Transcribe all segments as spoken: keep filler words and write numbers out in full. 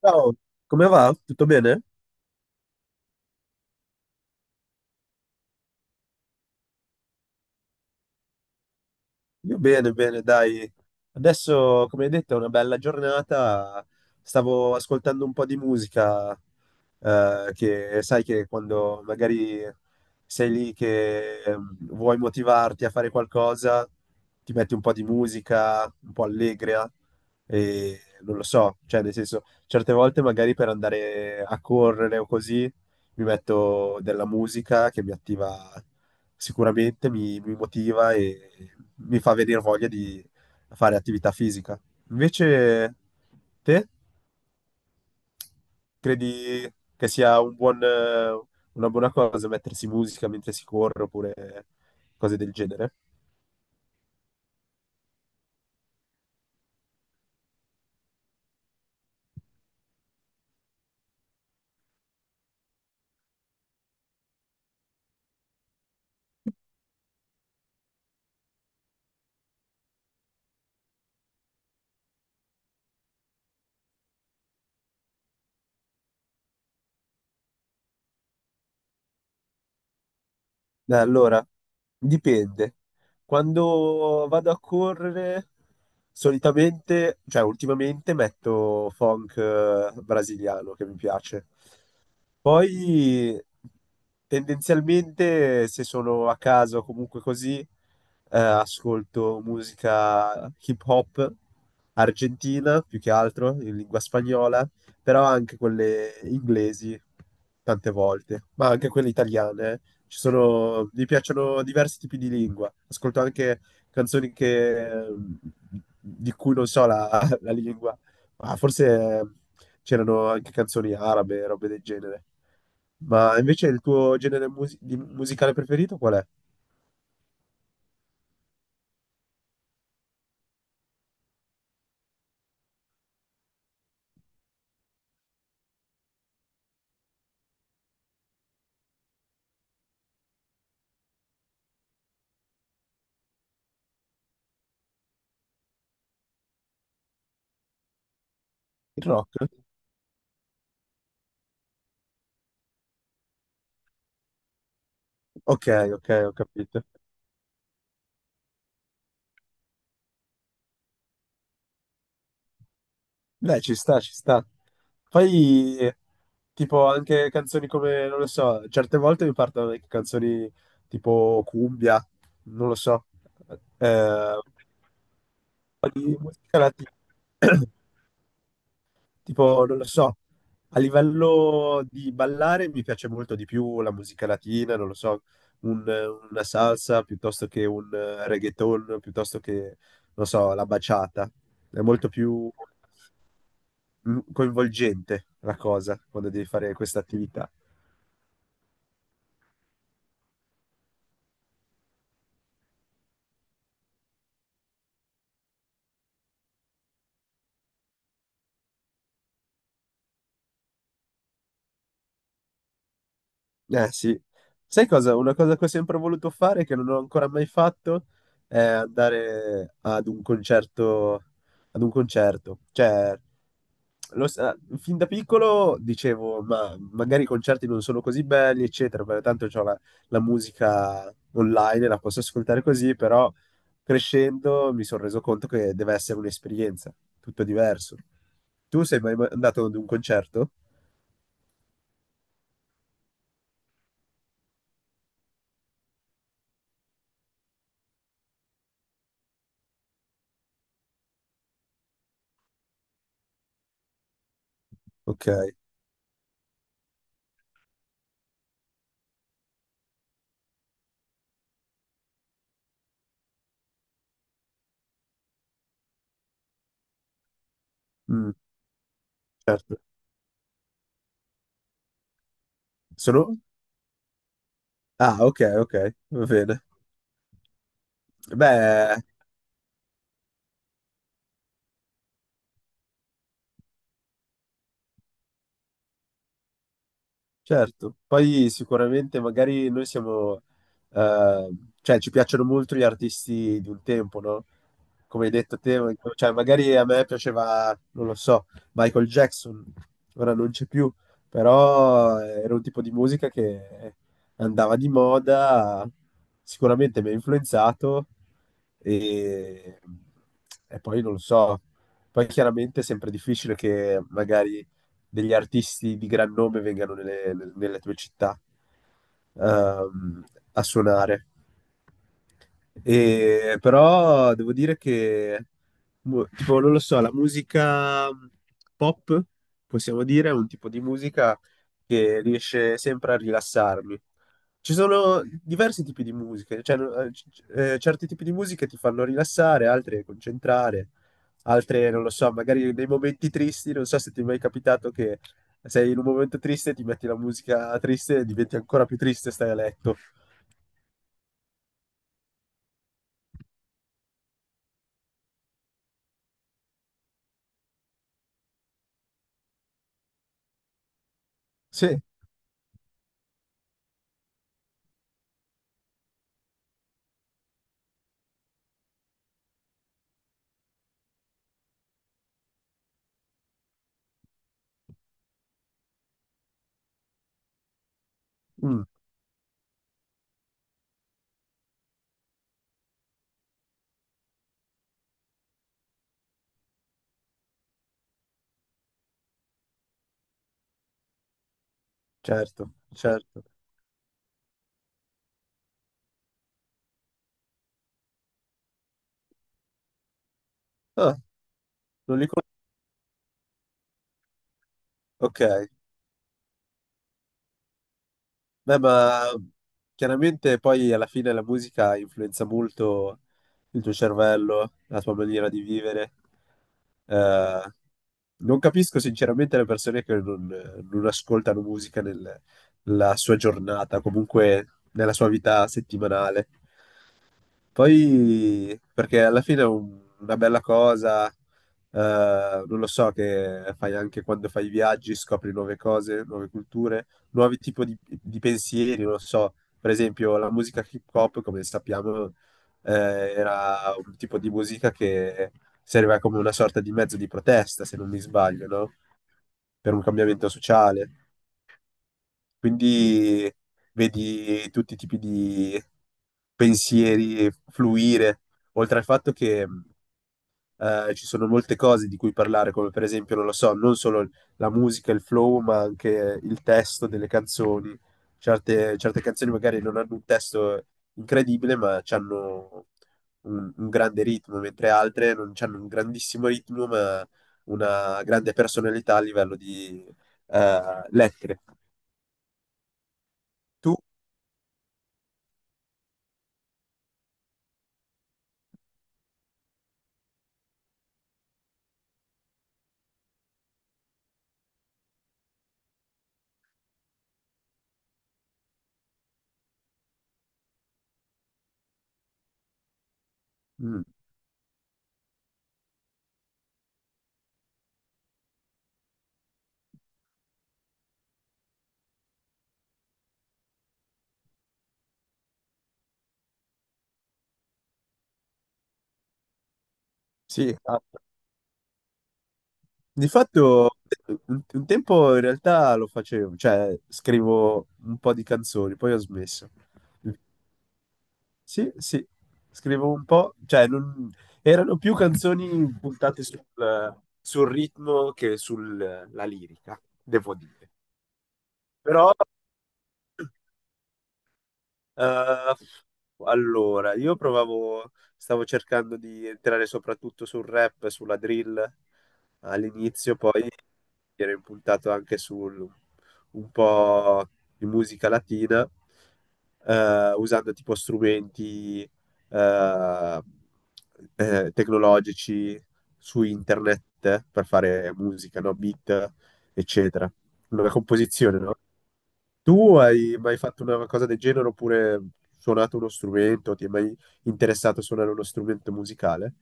Ciao, come va? Tutto bene? Io bene, bene, dai. Adesso, come hai detto, è una bella giornata. Stavo ascoltando un po' di musica, eh, che sai che quando magari sei lì che ehm, vuoi motivarti a fare qualcosa, ti metti un po' di musica, un po' allegra e non lo so, cioè nel senso, certe volte magari per andare a correre o così, mi metto della musica che mi attiva. Sicuramente mi, mi motiva e mi fa venire voglia di fare attività fisica. Invece, te credi che sia un buon, eh, una buona cosa mettersi musica mentre si corre oppure cose del genere? Eh, Allora, dipende. Quando vado a correre, solitamente, cioè ultimamente metto funk eh, brasiliano che mi piace. Poi tendenzialmente se sono a casa o comunque così, eh, ascolto musica hip hop argentina più che altro in lingua spagnola, però anche quelle inglesi tante volte, ma anche quelle italiane. Eh. Ci sono, mi piacciono diversi tipi di lingua. Ascolto anche canzoni che, eh, di cui non so la, la lingua. Ah, forse eh, c'erano anche canzoni arabe, robe del genere. Ma invece il tuo genere musi- di- musicale preferito qual è? Il rock? Ok, ok, ho capito. Beh, ci sta, ci sta. Poi, eh, tipo, anche canzoni come, non lo so, certe volte mi partono anche canzoni tipo cumbia, non lo so, eh, di musica latina. Tipo, non lo so, a livello di ballare mi piace molto di più la musica latina, non lo so, un- una salsa piuttosto che un reggaeton, piuttosto che, non lo so, la baciata. È molto più mm, coinvolgente la cosa quando devi fare questa attività. Eh sì, sai cosa? Una cosa che ho sempre voluto fare, che non ho ancora mai fatto, è andare ad un concerto, ad un concerto. Cioè, lo sa- fin da piccolo dicevo, ma magari i concerti non sono così belli, eccetera, perché tanto c'ho la, la musica online, la posso ascoltare così, però crescendo mi sono reso conto che deve essere un'esperienza, tutto diverso. Tu sei mai andato ad un concerto? Ok, mm, certo. Sono, ah, ok, ok, va bene. Beh, certo. Poi sicuramente magari noi siamo, eh, cioè ci piacciono molto gli artisti di un tempo, no? Come hai detto te, cioè magari a me piaceva, non lo so, Michael Jackson, ora non c'è più, però eh, era un tipo di musica che andava di moda, sicuramente mi ha influenzato e, e poi non lo so, poi chiaramente è sempre difficile che magari degli artisti di gran nome vengano nelle, nelle tue città ehm, a suonare. E- però devo dire che, boh, tipo, non lo so, la musica pop, possiamo dire, è un tipo di musica che riesce sempre a rilassarmi. Ci sono diversi tipi di musiche, cioè, no, eh, c- c- eh, certi tipi di musiche ti fanno rilassare, altre concentrare, altre, non lo so, magari nei momenti tristi, non so se ti è mai capitato che sei in un momento triste, ti metti la musica triste e diventi ancora più triste e stai a letto. Sì. Mm. Certo, certo. Ah, non li conosco. Ok. Beh, ma chiaramente poi alla fine la musica influenza molto il tuo cervello, la tua maniera di vivere. Eh, non capisco sinceramente le persone che non, non ascoltano musica nel- nella sua giornata, comunque nella sua vita settimanale. Poi, perché alla fine è un- una bella cosa, eh, non lo so, che fai anche quando fai viaggi, scopri nuove cose, nuove culture, nuovi tipi di, di pensieri, non lo so. Per esempio, la musica hip hop, come sappiamo, eh, era un tipo di musica che serviva come una sorta di mezzo di protesta, se non mi sbaglio, no? Per un cambiamento sociale. Quindi vedi tutti i tipi di pensieri fluire, oltre al fatto che eh, ci sono molte cose di cui parlare, come per esempio, non lo so, non solo la musica, il flow, ma anche il testo delle canzoni. Certe, certe canzoni magari non hanno un testo incredibile, ma hanno un, un grande ritmo, mentre altre non hanno un grandissimo ritmo, ma una grande personalità a livello di eh, lettere. Tu? Mm, sì, ah, di fatto un un tempo in realtà lo facevo, cioè scrivo un po' di canzoni, poi ho smesso. Sì, sì, scrivo un po', cioè non- erano più canzoni puntate sul, sul ritmo che sulla lirica, devo dire. Però eh, allora, io provavo, stavo cercando di entrare soprattutto sul rap, sulla drill all'inizio, poi mi ero impuntato anche sul un po' di musica latina, eh, usando tipo strumenti eh, eh, tecnologici su internet per fare musica, no? Beat, eccetera. Una composizione, no? Tu hai mai fatto una cosa del genere oppure suonato uno strumento? Ti è mai interessato a suonare uno strumento musicale?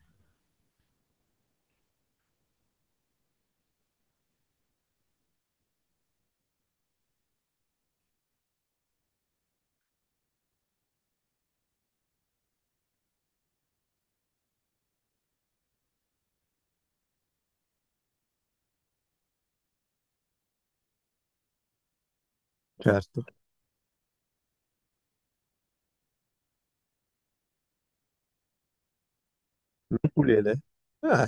Certo. L'ukulele? Ah,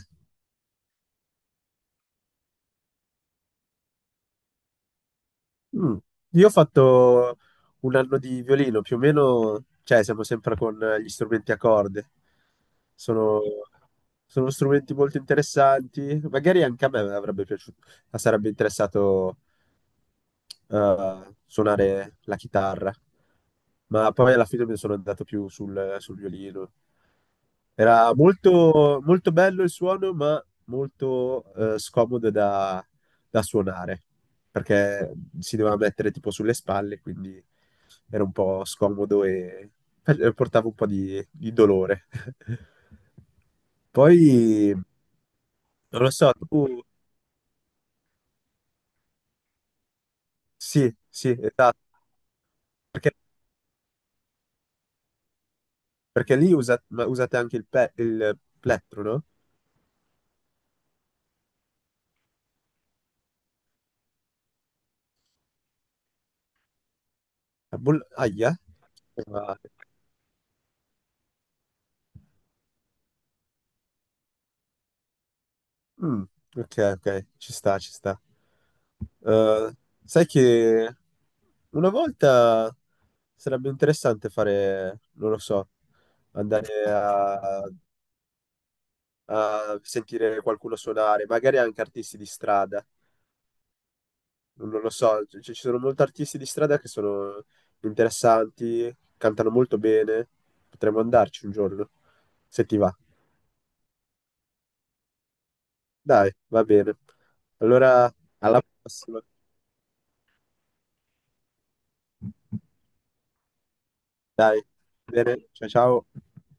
mm. Io ho fatto un anno di violino, più o meno, cioè siamo sempre con gli strumenti a corde. Sono, sono strumenti molto interessanti, magari anche a me avrebbe piaciuto, sarebbe interessato eh, suonare la chitarra, ma poi alla fine mi sono andato più sul, sul violino. Era molto, molto bello il suono, ma molto eh, scomodo da, da suonare, perché si doveva mettere tipo sulle spalle, quindi era un po' scomodo e e portava un po' di, di dolore. Poi, non lo so, tu... Sì, sì, esatto. Perché perché lì usa- ma usate anche il, pe- il plettro, no? La boll- aia. Ma- mm, ok, ok, ci sta, ci sta. Eh, sai che una volta sarebbe interessante fare, non lo so, andare a, a sentire qualcuno suonare, magari anche artisti di strada. Non, non lo so, c- cioè, ci sono molti artisti di strada che sono interessanti, cantano molto bene, potremmo andarci un giorno, se ti va. Dai, va bene. Allora, alla prossima. Dai, bene, ciao ciao.